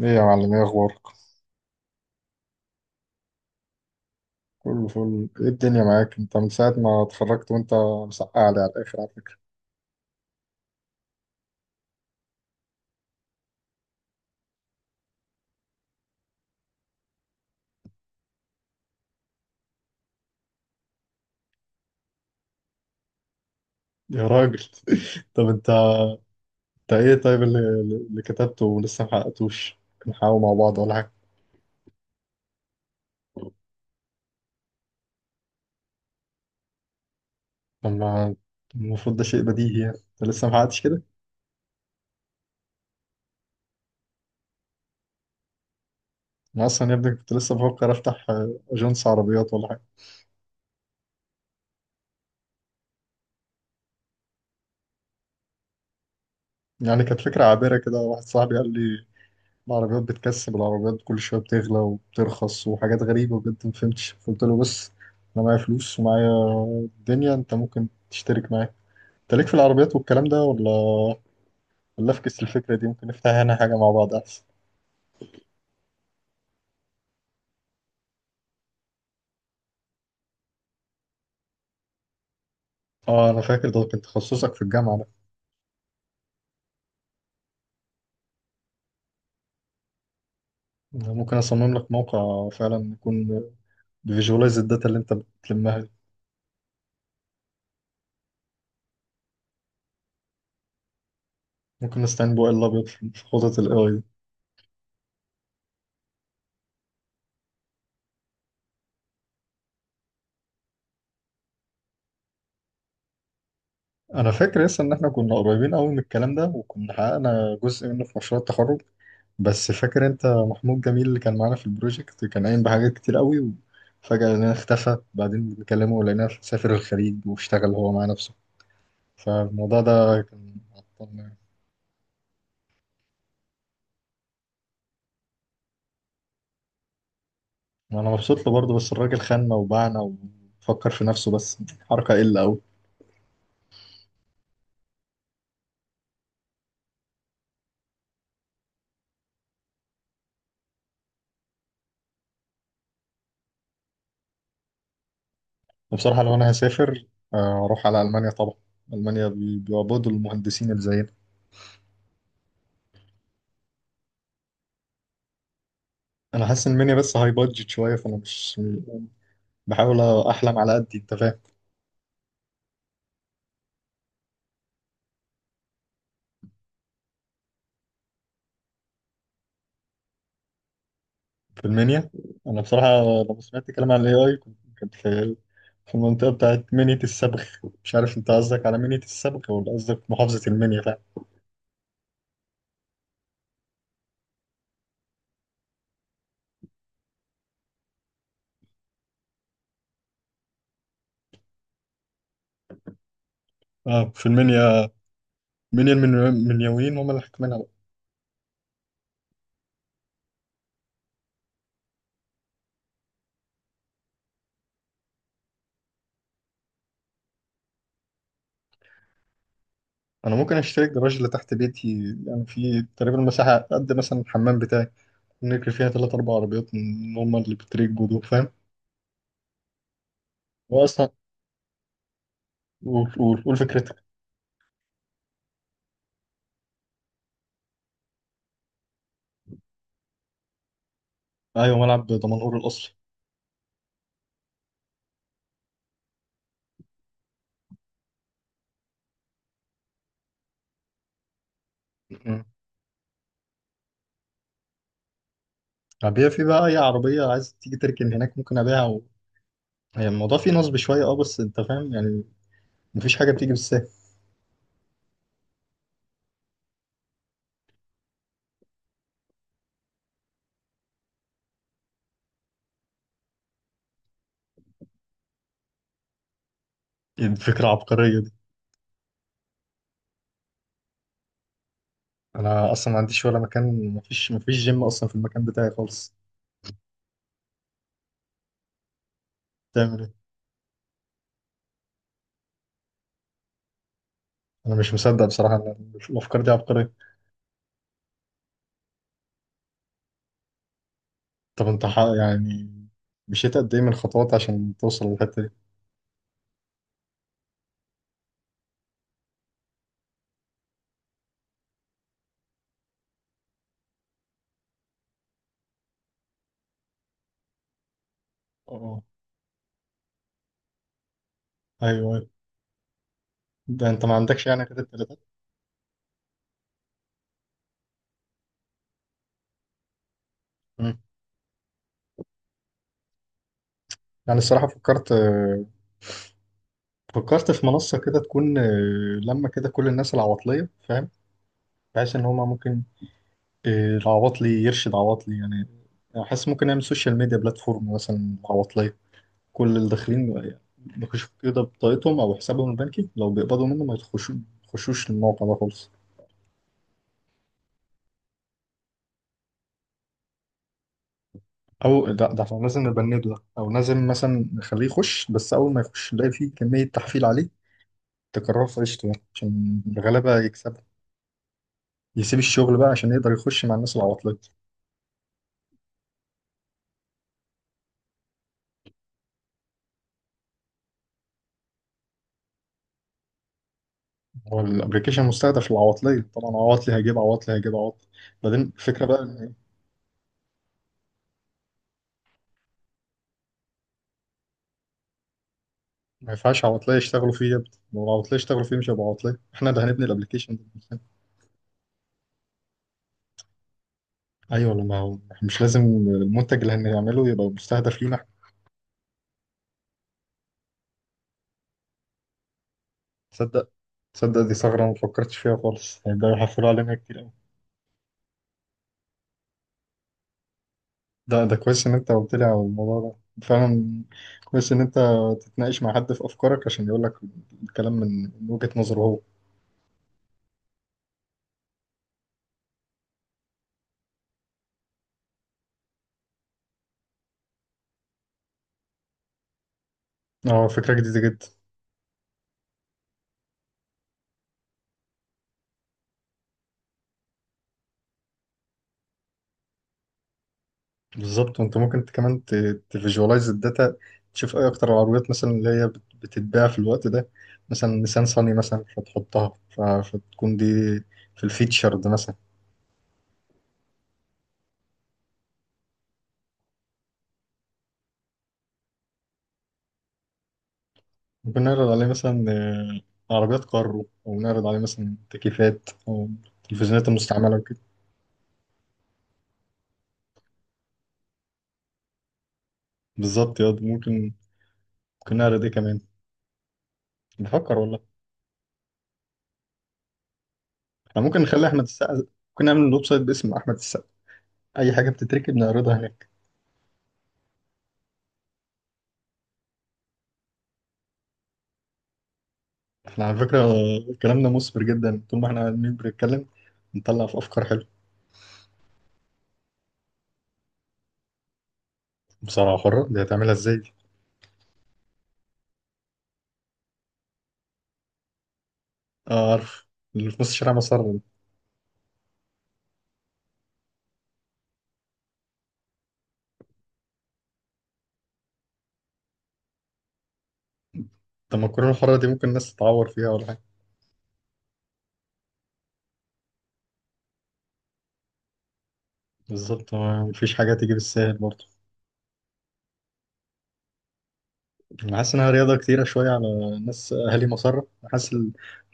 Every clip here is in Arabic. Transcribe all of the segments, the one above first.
ايه يا معلم، ايه اخبارك؟ كله فل. ايه الدنيا معاك انت من ساعة ما اتخرجت وانت مسقع لي على الاخر على فكرة. يا راجل! طب انت، انت ايه طيب اللي كتبته ولسه محققتوش؟ نحاول مع بعض ولا حاجة؟ لما المفروض ده شيء بديهي، يعني انت لسه محققتش كده؟ انا اصلا يا ابني كنت لسه بفكر افتح اجنس عربيات ولا حاجة. يعني كانت فكرة عابرة كده، واحد صاحبي قال لي العربيات بتكسب، العربيات كل شوية بتغلى وبترخص وحاجات غريبة بجد ما فهمتش. فقلت له: بس أنا معايا فلوس ومعايا الدنيا، أنت ممكن تشترك معايا. أنت ليك في العربيات والكلام ده ولا ولا أفكس الفكرة دي؟ ممكن نفتحها هنا حاجة مع بعض أحسن. أه، أنا فاكر ده كان تخصصك في الجامعة ده. أنا ممكن أصمم لك موقع فعلا يكون بيفيجوالايز الداتا اللي أنت بتلمها دي. ممكن نستعين بو ال أبيض في خطط ال AI. انا فاكر لسه ان احنا كنا قريبين قوي من الكلام ده، وكنا حققنا جزء منه في مشروع التخرج. بس فاكر انت محمود جميل اللي كان معانا في البروجكت كان قايم بحاجات كتير قوي، وفجأة لقيناه اختفى، بعدين بنكلمه ولقيناه سافر الخليج واشتغل هو مع نفسه، فالموضوع ده كان عطلنا يعني. وانا مبسوط له برضه، بس الراجل خاننا وباعنا وفكر في نفسه، بس حركة قلة قوي. وبصراحة لو انا هسافر، اروح على المانيا طبعا. المانيا بيعبدوا المهندسين اللي زينا. انا حاسس ان المانيا بس هاي بادجت شويه، فانا مش بحاول احلم على قد انت فاهم. في المنيا، انا بصراحه لما سمعت كلام عن الاي اي كنت في في المنطقه بتاعت منيا الصبغ. مش عارف انت قصدك على منيا الصبغ ولا قصدك محافظه المنيا فعلا؟ اه في المنيا. منيا، المنيويين هم اللي حاكمينها بقى. انا ممكن اشتري الجراج اللي تحت بيتي، يعني في تقريبا مساحه قد مثلا الحمام بتاعي، نركب فيها ثلاث اربع عربيات من هم اللي بتريقوا دول، فاهم؟ واصلا قول قول قول فكرتك. ايوه، ملعب دمنهور الاصلي. أبيع في بقى أي عربية عايز تيجي تركن هناك ممكن أبيعها و... يعني الموضوع فيه نصب شوية أه، بس أنت فاهم يعني، مفيش حاجة بتيجي بالسهل. إيه الفكرة العبقرية دي؟ أنا أصلا ما عنديش ولا مكان، مفيش جيم أصلا في المكان بتاعي خالص. تعمل إيه؟ أنا مش مصدق بصراحة إن الأفكار دي عبقرية. طب أنت ح... يعني مشيت قد إيه من الخطوات عشان توصل للحتة دي؟ أه، أيوه، أيوه. ده أنت ما عندكش يعني كده التلاتات؟ مم. يعني الصراحة فكرت، فكرت في منصة كده تكون لما كده كل الناس العواطلية، فاهم؟ بحيث ان هما ممكن، العواطلي يرشد عواطلي يعني. أنا حاسس ممكن نعمل سوشيال ميديا بلاتفورم مثلا عواطلية. كل اللي داخلين بيخشوا كده بطاقتهم أو حسابهم البنكي لو بيقبضوا منه ما يخشوش، يخشوش الموقع ده خالص. أو لا، ده احنا لازم نبنده ده، أو لازم مثلا نخليه يخش، بس أول ما يخش نلاقي فيه كمية تحفيل عليه تكرره في عيشته يعني، عشان الغلابة يكسبها. يسيب الشغل بقى عشان يقدر يخش مع الناس العواطلية. هو الأبلكيشن مستهدف العواطلية، طبعا عواطلي هيجيب عواطلي هيجيب عواطلي. بعدين الفكرة بقى، ما ينفعش عواطلية يشتغلوا فيه يا ابني، لو العواطلية يشتغلوا فيه مش هيبقى عواطلية. احنا اللي هنبني الابلكيشن ده بنفسنا. ايوه، لما هو إحنا مش لازم المنتج اللي هنعمله يبقى مستهدف لينا احنا. تصدق، تصدق دي ثغرة ما فكرتش فيها خالص، هيبدأوا يحفلوا علينا كتير قوي. ده ده كويس ان انت قلت لي على الموضوع ده فعلا. كويس ان انت تتناقش مع حد في افكارك عشان يقول لك الكلام من وجهة نظره هو. اه، فكرة جديدة جدا. بالظبط. وانت ممكن كمان تفيجواليز الداتا، تشوف ايه اكتر العربيات مثلا اللي هي بتتباع في الوقت ده، مثلا نيسان صني مثلا فتحطها فتكون دي في الفيتشر ده مثلا. ممكن نعرض عليه مثلا عربيات كارو، او نعرض عليه مثلا تكييفات او تلفزيونات المستعمله وكده. بالظبط يا دي. ممكن، ممكن نعرض ايه كمان؟ بفكر والله. احنا ممكن نخلي احمد السقا، ممكن نعمل ويب سايت باسم احمد السقا، اي حاجه بتتركب نعرضها هناك. احنا على فكرة كلامنا مثمر جدا، طول ما احنا قاعدين بنتكلم نطلع في أفكار حلوة. مصارعة حرة دي هتعملها ازاي؟ دي؟ اه، عارف، اللي في نص الشارع مسار. طب ما الكورونا الحرة دي ممكن الناس تتعور فيها ولا حاجة؟ بالظبط، مفيش حاجة تيجي بالسهل برضه. أنا حاسس إنها رياضة كتيرة شوية على ناس أهالي مسار. حاسس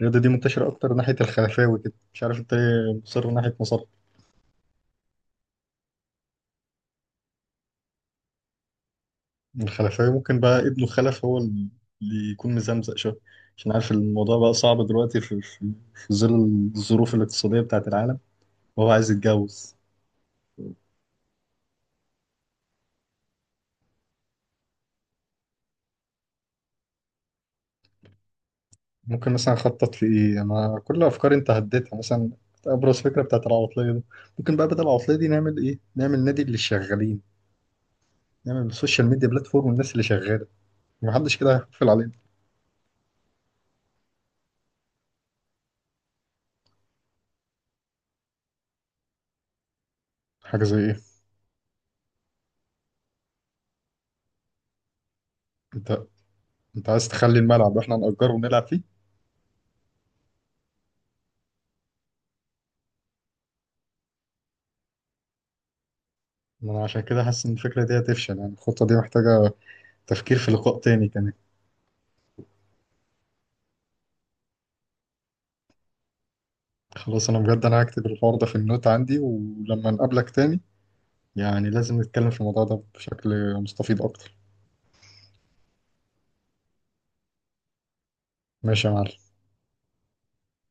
الرياضة دي منتشرة أكتر ناحية الخلفاوي كده، مش عارف أنت ليه مصر ناحية مسار. الخلفية ممكن بقى ابنه خلف هو اللي يكون مزمزق شوية، عشان عارف الموضوع بقى صعب دلوقتي في, ظل الظروف الاقتصادية بتاعت العالم، وهو عايز يتجوز. ممكن مثلا أخطط في إيه؟ أنا كل أفكاري أنت هديتها. مثلا أبرز فكرة بتاعت العواطلية دي، ممكن بقى بدل العواطلية دي نعمل إيه؟ نعمل نادي للشغالين، نعمل السوشيال ميديا بلاتفورم والناس اللي شغالة، محدش كده هيحفل علينا. حاجة زي إيه؟ أنت، أنت عايز تخلي الملعب إحنا نأجره ونلعب فيه؟ ما أنا عشان كده حاسس إن الفكرة دي هتفشل، يعني الخطة دي محتاجة تفكير في لقاء تاني كمان. خلاص انا بجد انا هكتب الحوار ده في النوت عندي، ولما نقابلك تاني يعني لازم نتكلم في الموضوع ده بشكل مستفيض اكتر. ماشي يا معلم.